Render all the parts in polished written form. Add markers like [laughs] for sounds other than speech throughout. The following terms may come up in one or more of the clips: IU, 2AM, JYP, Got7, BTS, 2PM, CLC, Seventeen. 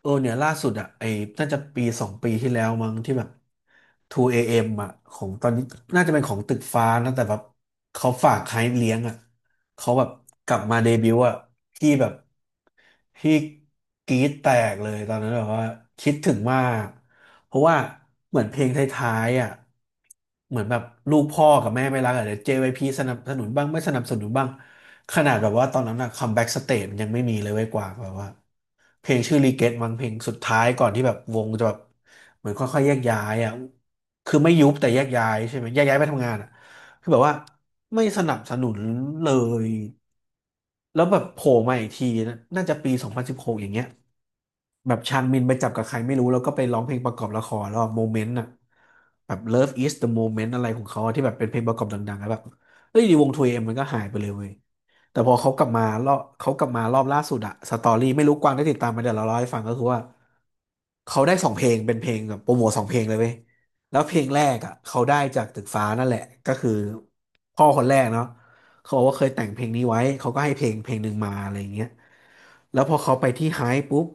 เออเนี่ยล่าสุดอ่ะไอ้น่าจะปีสองปีที่แล้วมั้งที่แบบ2 AM อเอ็มอ่ะของตอนนี้น่าจะเป็นของตึกฟ้านะแต่แบบเขาฝากใครเลี้ยงอ่ะเขาแบบกลับมาเดบิวต์อ่ะพี่แบบพี่กรี๊ดแตกเลยตอนนั้นแบบว่าคิดถึงมากเพราะว่าเหมือนเพลงท้ายๆอ่ะเหมือนแบบลูกพ่อกับแม่ไม่รักอะเดี๋ยว JYP สนับสนุนบ้างไม่สนับสนุนบ้าง ขนาดแบบว่าตอนนั้นอะคัมแบ็กสเตจมันยังไม่มีเลยเว้ยกว่างแบบว่าเพลงชื่อรีเกตมั้งเพลงสุดท้ายก่อนที่แบบวงจะแบบเหมือนค่อยๆแยกย้ายอ่ะคือไม่ยุบแต่แยกย้ายใช่ไหมแยกย้ายไปทำงานอ่ะคือแบบว่าไม่สนับสนุนเลยแล้วแบบโผล่มาอีกทีนะน่าจะปี2016อย่างเงี้ย แบบชางมินไปจับกับใครไม่รู้แล้วก็ไปร้องเพลงประกอบละครแล้วโมเมนต์อะ moment อะแบบ Love is the moment อะไรของเขาอะที่แบบเป็นเพลงประกอบดังๆแล้วแบบเอ้ยดีวงทูเอ็มมันก็หายไปเลยเว้ยแต่พอเขากลับมารอบเขากลับมารอบล่าสุดอะสตอรี่ไม่รู้กวางได้ติดตามไหมเดี๋ยวเราเล่าให้ฟังก็คือว่าเขาได้สองเพลงเป็นเพลงแบบโปรโมทสองเพลงเลยเว้ยแล้วเพลงแรกอะเขาได้จากตึกฟ้านั่นแหละก็คือพ่อคนแรกเนาะเขาบอกว่าเคยแต่งเพลงนี้ไว้เขาก็ให้เพลงหนึ่งมาอะไรอย่างเงี้ยแล้วพอเขาไปที่ไฮป์ปุ๊บ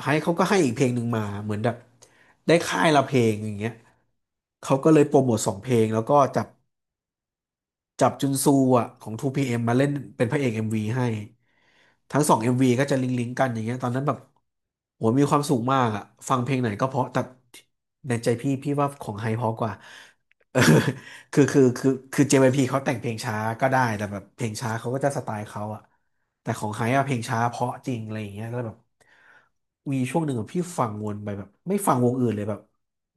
ไฮเขาก็ให้อีกเพลงหนึ่งมาเหมือนแบบได้ค่ายละเพลงอย่างเงี้ยเขาก็เลยโปรโมทสองเพลงแล้วก็จับ จับจุนซูอ่ะของ 2PM มมาเล่นเป็นพระเอก MV ให้ทั้งสอง MV ก็จะลิงก์ลิงกกันอย่างเงี้ยตอนนั้นแบบโหมีความสุขมากอ่ะฟังเพลงไหนก็เพราะแต่ในใจพี่ว่าของไฮเพราะกว่า [laughs] เออคือ j พ p เขาแต่งเพลงช้าก็ได้แต่แบบเพลงช้าเขาก็จะสไตล์เขาอ่ะแต่ของไฮอะเพลงช้าเพราะจริงอะไรอย่างเงี้ยแล้วแบบมีช่วงหนึ่งอะพี่ฟังวนไปแบบไม่ฟังวงอื่นเลยแบบ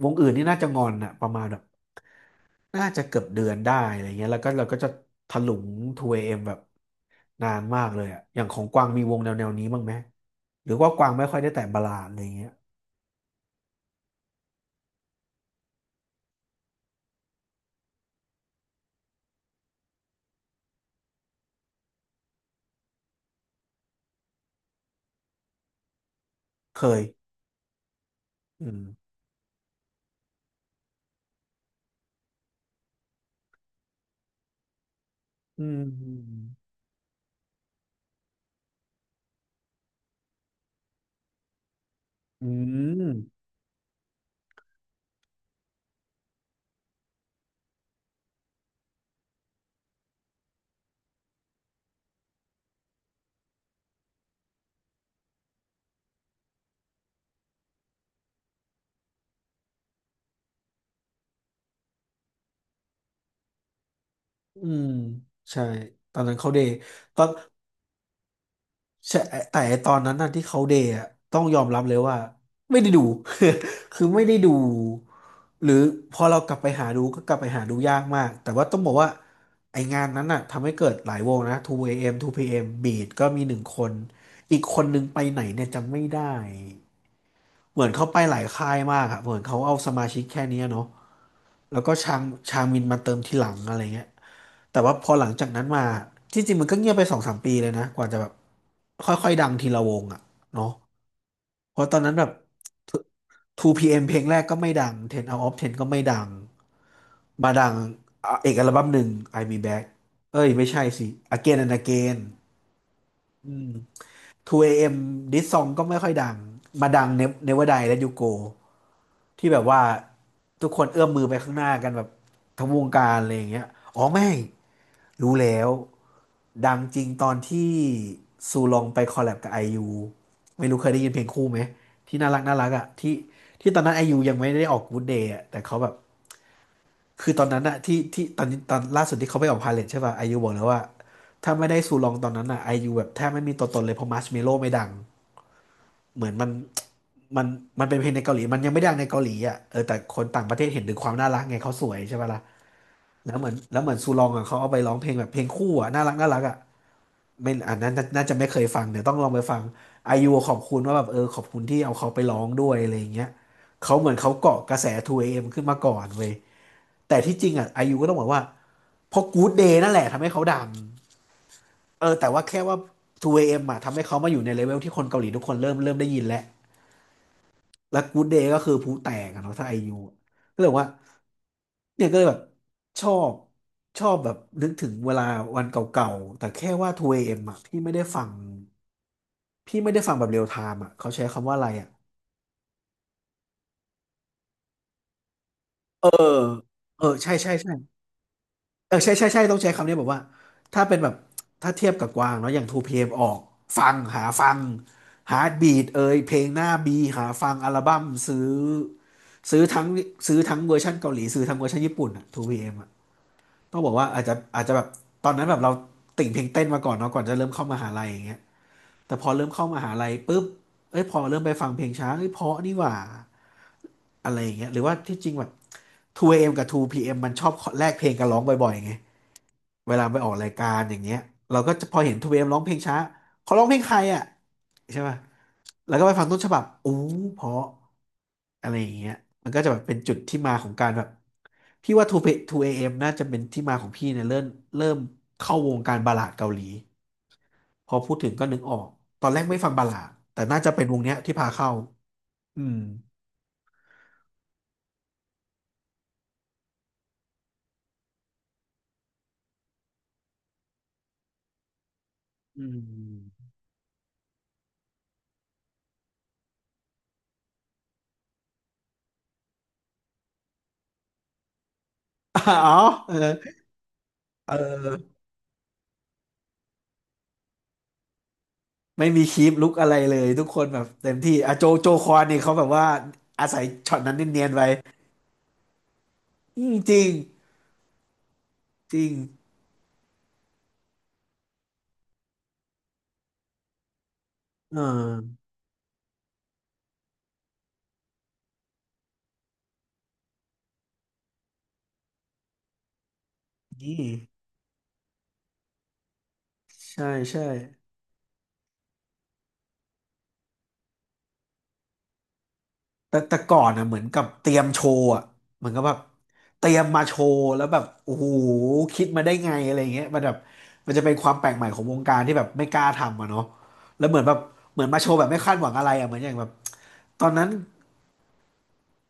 วงอื่นนี่น่าจะงอนอะประมาณแบบ น่าจะเกือบเดือนได้อะไรเงี้ยแล้วก็เราก็จะถลุง 2AM แบบนานมากเลยอะอย่างของกวางมีวงแนวนี้บ้างไหมหรือว่ากวางไม่ค่อยได้แต่บัลลาดอะไรเงี้ยเคยอืมอืมอืมอืมใช่ตอนนั้นเขาเดย์ตอน ใช่แต่ไอ้ตอนนั้นน่ะที่เขาเดย์อะต้องยอมรับเลยว่าไม่ได้ดู [laughs] คือไม่ได้ดูหรือพอเรากลับไปหาดูก็กลับไปหาดูยากมากแต่ว่าต้องบอกว่าไองานนั้นน่ะทำให้เกิดหลายวงนะ 2AM 2PM Beat ก็มีหนึ่งคนอีกคนนึงไปไหนเนี่ยจำไม่ได้เหมือนเขาไปหลายค่ายมากอะเหมือนเขาเอาสมาชิกแค่เนี้ยเนาะแล้วก็ชางมินมาเติมทีหลังอะไรเงี้ย แต่ว่าพอหลังจากนั้นมาที่จริงมันก็เงียบไปสองสามปีเลยนะกว่าจะแบบค่อยๆดังทีละวงอ่ะเนาะเพราะตอนนั้นแบบ 2PM เอ็มเพลงแรกก็ไม่ดัง10 out of 10ก็ไม่ดังมาดังอ่ะเอกอัลบั้มหนึ่ง I Me Back เอ้ยไม่ใช่สิ Again and Again อืม 2AM This Song ก็ไม่ค่อยดังมาดัง Never Die และ You Go ที่แบบว่าทุกคนเอื้อมมือไปข้างหน้ากันแบบทั้งวงการอะไรอย่างเงี้ยอ๋อไม่รู้แล้ว ดังจริงตอนที่ซูลองไปคอลแลบกับไอยูไม่รู้เคยได้ยินเพลงคู่ไหมที่น่ารักอ่ะที่ตอนนั้นไอยูยังไม่ได้ออก Good Day อ่ะแต่เขาแบบคือตอนนั้นอ่ะที่ตอนนี้ตอนล่าสุดที่เขาไปออกพาเลทใช่ป่ะไอยูบอกแล้วว่าถ้าไม่ได้ซูลองตอนนั้นอ่ะไอยูแบบแทบไม่มีตัวตนเลยเพราะมัชเมโลไม่ดังเหมือนมันมันเป็นเพลงในเกาหลีมันยังไม่ดังในเกาหลีอ่ะเออแต่คนต่างประเทศเห็นถึงความน่ารักไงเขาสวยใช่ป่ะล่ะแล้วเหมือนแล้วเหมือนซูลองอ่ะเขาเอาไปร้องเพลงแบบเพลงคู่อ่ะน่ารักอ่ะ ไม่อันนั้นน่าจะไม่เคยฟังเดี๋ยวต้องลองไปฟังไอยูขอบคุณว่าแบบเออขอบคุณที่เอาเขาไปร้องด้วยอะไรอย่างเงี้ยเขาเหมือนเขาเกาะกระแส 2AM ขึ้นมาก่อนเว้ยแต่ที่จริงอ่ะไอยูก็ต้องบอกว่าเพราะ Good Day นั่นแหละทำให้เขาดังเออแต่ว่าแค่ว่า 2AM อเอ็มอ่ะทำให้เขามาอยู่ในเลเวลที่คนเกาหลีทุกคนเริ่มได้ยินแล้วและ Good Day ก็คือผู้แตกอะเนาะถ้าไอยูก็เลยบอกว่าเนี่ยก็เลยแบบชอบชอบแบบนึกถึงเวลาวันเก่าๆแต่แค่ว่า 2AM อเอ็มอ่ะพี่ไม่ได้ฟัง พี่ไม่ได้ฟังแบบเรียลไทม์อ่ะเขาใช้คำว่าอะไรอ่ะเออเออใช่ใช่ใช่เออใช่ใช่ใช่ต้องใช้คำนี้แบบว่าถ้าเป็นแบบถ้าเทียบกับกวางเนาะอย่าง 2PM อมออกฟังหาฟังฮาร์ดบีทเอยเพลงหน้าบีหาฟังอัลบั้มซื้อซื้อทั้งซื้อทั้งเวอร์ชันเกาหลีซื้อทั้งเวอร์ชันญี่ปุ่นอ่ะ 2PM ต้องบอกว่าอาจจะแบบตอนนั้นแบบเราติ่งเพลงเต้นมาก่อนเนาะก่อนจะเริ่มเข้ามหาลัยอย่างเงี้ยแต่พอเริ่มเข้ามหาลัยปุ๊บเอ้ยพอเริ่มไปฟังเพลงช้าเอ้ยเพราะนี่หว่าอะไรอย่างเงี้ยหรือว่าที่จริงแบบ 2AM กับ 2PM มมันชอบแลกเพลงกันร้องบ่อยๆไง เวลาไปออกรายการอย่างเงี้ยเราก็จะพอเห็นทูเอมร้องเพลงช้าเขาร้องเพลงใครอ่ะใช่ป่ะแล้วก็ไปฟังต้นฉบับอู้เพราะอะไรอย่างเงี้ยมันก็จะแบบเป็นจุดที่มาของการแบบพี่ว่าทูเอ a m น่าจะเป็นที่มาของพี่เนี่ยเริ่มเข้าวงการบัลลาดเกาหลีพอพูดถึงก็นึกออกตอนแรกไม่ฟังบัลลาดแต่น่าจะเป็นวงเนี้ยที่พาเข้าอืมอืม [laughs] อ๋อเออเออ ไม่มีคีปลุกอะไรเลยทุกคนแบบเต็มที่อะโจโจคอนนี่เขาแบบว่าอาศัยช็อตนั้นเนียนๆไว้อืมจริงจริงเออนี่ใช่ใช่แต่แต่ก่อนอ่ะเหมือนกับเตรียมโชว์อ่ะเหมือนกับแบบเตรียมมาโชว์แล้วแบบโอ้โหคิดมาได้ไงอะไรอย่างเงี้ยมันแบบมันจะเป็นความแปลกใหม่ของวงการที่แบบไม่กล้าทำอ่ะเนาะแล้วเหมือนแบบเหมือนมาโชว์แบบไม่คาดหวังอะไรอ่ะเหมือนอย่างแบบตอนนั้น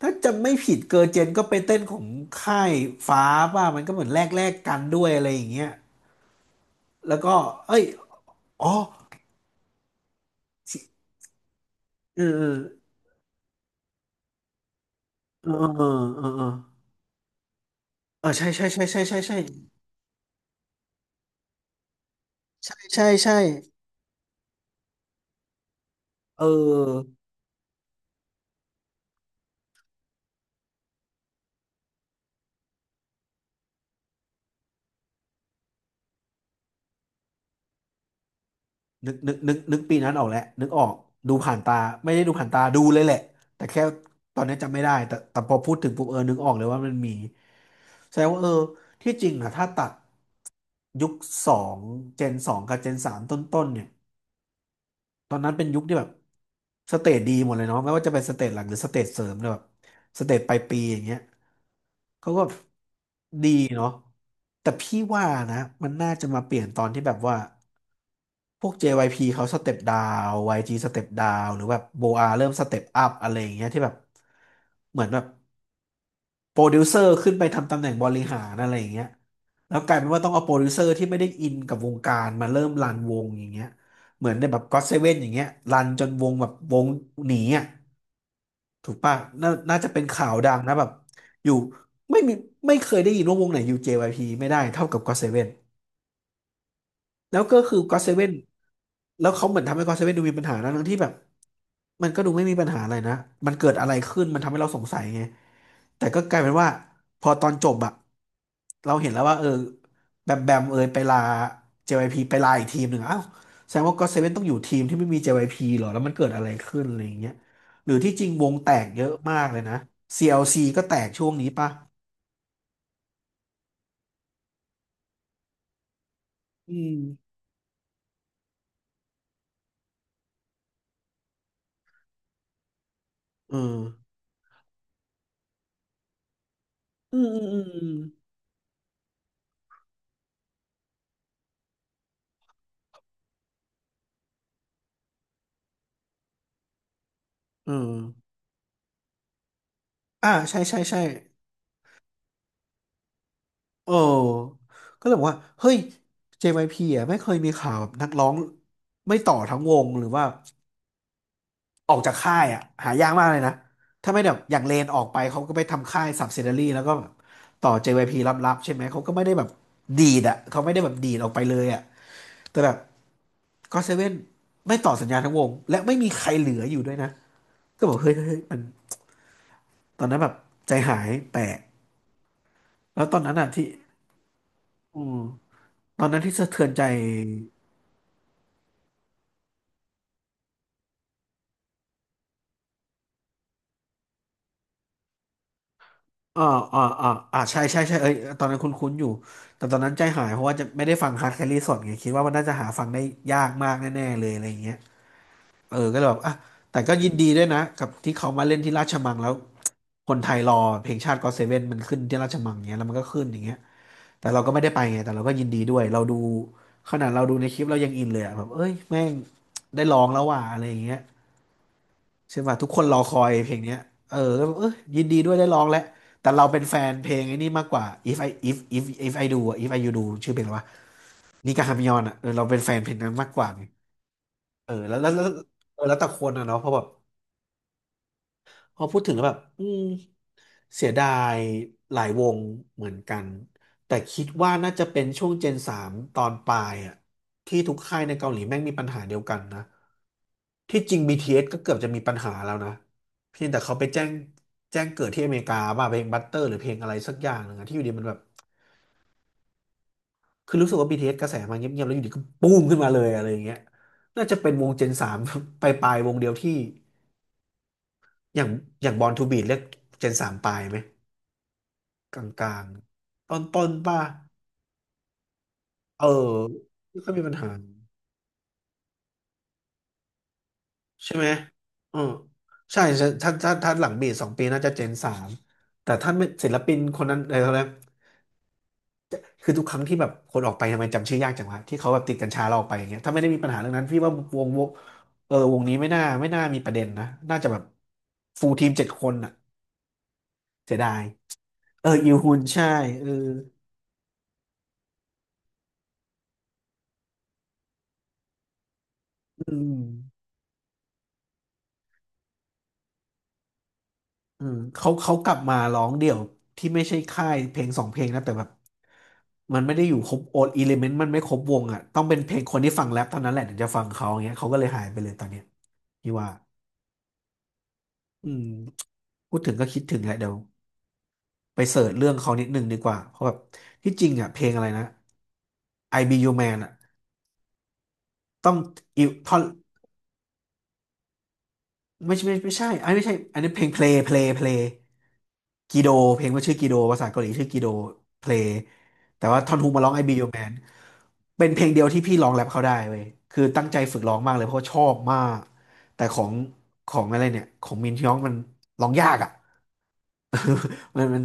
ถ้าจำไม่ผิดเกอร์เจนก็ไปเต้นของค่ายฟ้าป่ะมันก็เหมือนแลกกันด้วยอะไรอย่างเงี้ยแล้วก็เอ้ยอ๋อเออเออเออเออเออเออใช่ใช่ใช่ใช่ใช่ใช่ใช่ใช่ใช่เออนึกปีนั้นออกแหละนึกออกดูผ่านตาไม่ได้ดูผ่านตาดูเลยแหละแต่แค่ตอนนี้จำไม่ได้แต่พอพูดถึงปุ๊บเออนึกออกเลยว่ามันมีแสดงว่าเออที่จริงอะถ้าตัดยุคสองเจนสองกับเจนสามต้นๆเนี่ย ตอนนั้นเป็นยุคที่แบบสเตจดีหมดเลยเนาะไม่ว่าจะเป็นสเตจหลักหรือสเตจเสริมเนี่ยแบบสเตจปลายปีอย่างเงี้ยเขาก็ดีเนาะแต่พี่ว่านะมันน่าจะมาเปลี่ยนตอนที่แบบว่าพวก JYP เขาสเต็ปดาว YG สเต็ปดาวหรือแบบโบอาเริ่มสเต็ปอัพอะไรอย่างเงี้ยที่แบบเหมือนแบบ โปรดิวเซอร์ขึ้นไปทำตำแหน่งบริหารอะไรอย่างเงี้ยแล้วกลายเป็นว่าต้องเอาโปรดิวเซอร์ที่ไม่ได้อินกับวงการมาเริ่มรันวงอย่างเงี้ยเหมือนในแบบก็อตเซเว่นอย่างเงี้ยรันจนวงแบบวงหนีอ่ะถูกป่ะน่าจะเป็นข่าวดังนะแบบอยู่ไม่มีไม่เคยได้ยินว่าวงไหนอยู่ JYP ไม่ได้เท่ากับก็อตเซเว่น แล้วก็คือก็อตเซเว่นแล้วเขาเหมือนทำให้ก็อตเซเว่นดูมีปัญหานะทั้งที่แบบมันก็ดูไม่มีปัญหาอะไรนะมันเกิดอะไรขึ้นมันทำให้เราสงสัยไงแต่ก็กลายเป็นว่าพอตอนจบอะเราเห็นแล้วว่าเออแบมแบมเอยไปลา JYP ไปลาอีกทีมหนึ่งอ้าวแสดงว่าก็อตเซเว่นต้องอยู่ทีมที่ไม่มี JYP เหรอแล้วมันเกิดอะไรขึ้นอะไรอย่างเงี้ยหรือที่จริงวงแตกเยอะมากเลยนะ CLC ก็แตกช่วงนี้ป่ะอืมเอออืมอืมอืมอืมเอออ่าใช่ใช่ใช่ เออก็เลยบอกว่า เฮ้ย JYP อ่ะไม่เคยมีข่าวแบบนักร้องไม่ต่อทั้งวงหรือว่าออกจากค่ายอ่ะหายากมากเลยนะถ้าไม่แบบอย่างเลนออกไปเขาก็ไปทำค่าย subsidiary แล้วก็แบบต่อ JYP ลับๆใช่ไหมเขาก็ไม่ได้แบบดีดอ่ะเขาไม่ได้แบบดีดออกไปเลยอ่ะแต่แบบก็เซเว่นไม่ต่อสัญญาทั้งวงและไม่มีใครเหลืออยู่ด้วยนะก็บอกเฮ้ยมันตอนนั้นแบบใจหายแปลกแล้วตอนนั้นอ่ะที่อืมตอนนั้นที่สะเทือนใจ อ่าอ่าอ่าใช่ใช่ใช่เอ้ย ตอนนั้นคุ้นๆอยู่ แต่ตอนนั้นใจหาย เพราะว่าจะไม่ได้ฟังฮาร์ดแครี่สดไงคิดว่ามันน่าจะหาฟังได้ยากมากแน่ๆเลยอะไรอย่างเงี้ยเออก็เลยแบบแต่ก็ยินดีด้วยนะกับที่เขามาเล่นที่ราชมังแล้ว คนไทยรอเพลงชาติก็เซเว่นมันขึ้นที่ราชมังเงี้ยแล้วมันก็ขึ้นอย่างเงี้ยแต่เราก็ไม่ได้ไปไงแต่เราก็ยินดีด้วยเราดูขนาดเราดูในคลิปเรายังอินเลยอะแบบเอ้ยแม่งได้ร้องแล้วว่ะอะไรอย่างเงี้ย ใช่ป่ะทุกคนรอคอยเพลงเนี้ยเออก็เออยินดีด้วยได้ร้องแล้วแต่เราเป็นแฟนเพลงไอ้นี่มากกว่า if I if if I do อะ if I you do ชื่อเพลงอะไรวะนี่ก็ฮามยอนอ่ะเออเราเป็นแฟนเพลงนั้นมากกว่าไงเออแล้วเออแล้วแต่คนอ่ะเนาะเพราะแบบ พอพูดถึงแล้วแบบอืมเสียดายหลายวงเหมือนกันแต่คิดว่าน่าจะเป็นช่วงเจนสามตอนปลายอะที่ทุกค่ายในเกาหลีแม่งมีปัญหาเดียวกันนะที่จริง BTS ก็เกือบจะมีปัญหาแล้วนะเพียงแต่เขาไปแจ้งเกิดที่อเมริกาว่าเพลงบัตเตอร์หรือเพลงอะไรสักอย่างหนึ่งอะที่อยู่ดีมันแบบคือรู้สึกว่า BTS กระแสมาเงียบๆแล้วอยู่ดีก็ปุ้มขึ้นมาเลยอะไรอย่างเงี้ยน่าจะเป็นวงเจนสาม [laughs] ปลายๆวงเดียวที่อย่างอย่างบอลทูบีทเรียกเจนสามปลายไหม กลางๆต้นๆป่ะเออไม่ค่อยมีปัญหาใช่ไหมเออใช่ถ้าหลังเบสสองปีน่าจะเจนสามแต่ถ้าไม่ศิลปินคนนั้นอะไรเขาเรียกคือทุกครั้งที่แบบคนออกไปทำไมจำชื่อยากจังวะ ที่เขาแบบติดกัญชาเราออกไปอย่างเงี้ยถ้าไม่ได้มีปัญหาเรื่องนั้นพี่ว่าวงเออวงนี้ไม่น่ามีประเด็นนะ น่าจะแบบฟูลทีมเจ็ดคนอ่ะเสียดายเอออิลฮุนใช่เอออืม เขากลับมาร้องเดี่ยวที่ไม่ใช่ค่ายเพลงสองเพลงนะแต่แบบมันไม่ได้อยู่ครบโอดอิเลเมนต์มันไม่ครบวงอ่ะต้องเป็นเพลงคนที่ฟังแรปเท่านั้นแหละถึงจะฟังเขาอย่างเงี้ยเขาก็เลยหายไปเลยตอนเนี้ยพี่ว่าอืมพูดถึงก็คิดถึงแหละเดี๋ยวไปเสิร์ชเรื่องเขานิดนึงดีกว่าเพราะแบบที่จริงอ่ะเพลงอะไรนะ I Be Your Man อ่ะต้องอิวท่อน ไม่ใช่อันนี้ไม่ใช่อันนี้เพลงเพล y กีโดเพลงว่าชื่อกีโดภาษาเกาหลีชื่อกีโดเพล y แต่ว่าทอนฮุมาร้อง I Be Your Man เป็นเพลงเดียวที่พี่ร้องแรปเขาได้เว้ยคือตั้งใจฝึกร้องมากเลยเพราะว่าชอบมากแต่ของอะไรเนี่ยของมินฮยองมันร้องยากอ่ะ [laughs] มัน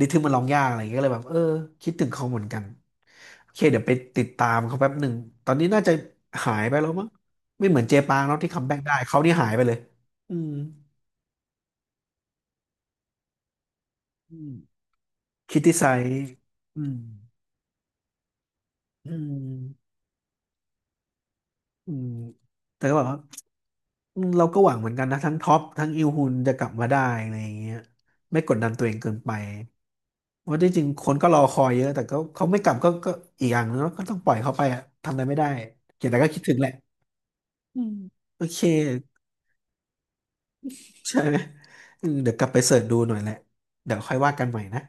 ริทึมมันร้องยากอะไรอย่างเงี้ยก็เลยแบบเออคิดถึงเขาเหมือนกันโอเคเดี๋ยวไปติดตามเขาแป๊บหนึ่งตอนนี้น่าจะหายไปแล้วมั้งไม่เหมือนเจปางเนาะที่คัมแบ็กได้เขานี่หายไปเลย อืมอืมคิดทีไซส์อืมอืมอืมแต่ก็แบบว่าอืมเราก็หวังเหมือนกันนะทั้งท็อปทั้งอิลฮุนจะกลับมาได้อะไรอย่างเงี้ยไม่กดดันตัวเองเกินไปเพราะที่จริงคนก็รอคอยเยอะแต่ก็เขาไม่กลับก็อีกอย่างนึงแล้วก็ต้องปล่อยเขาไปอะทำอะไรไม่ได้อย่างไรก็คิดถึงแหละอืมโอเคใช่ไหมอืมเดี๋ยวกลับไปเสิร์ชดูหน่อยแหละเดี๋ยวค่อยว่ากันใหม่นะ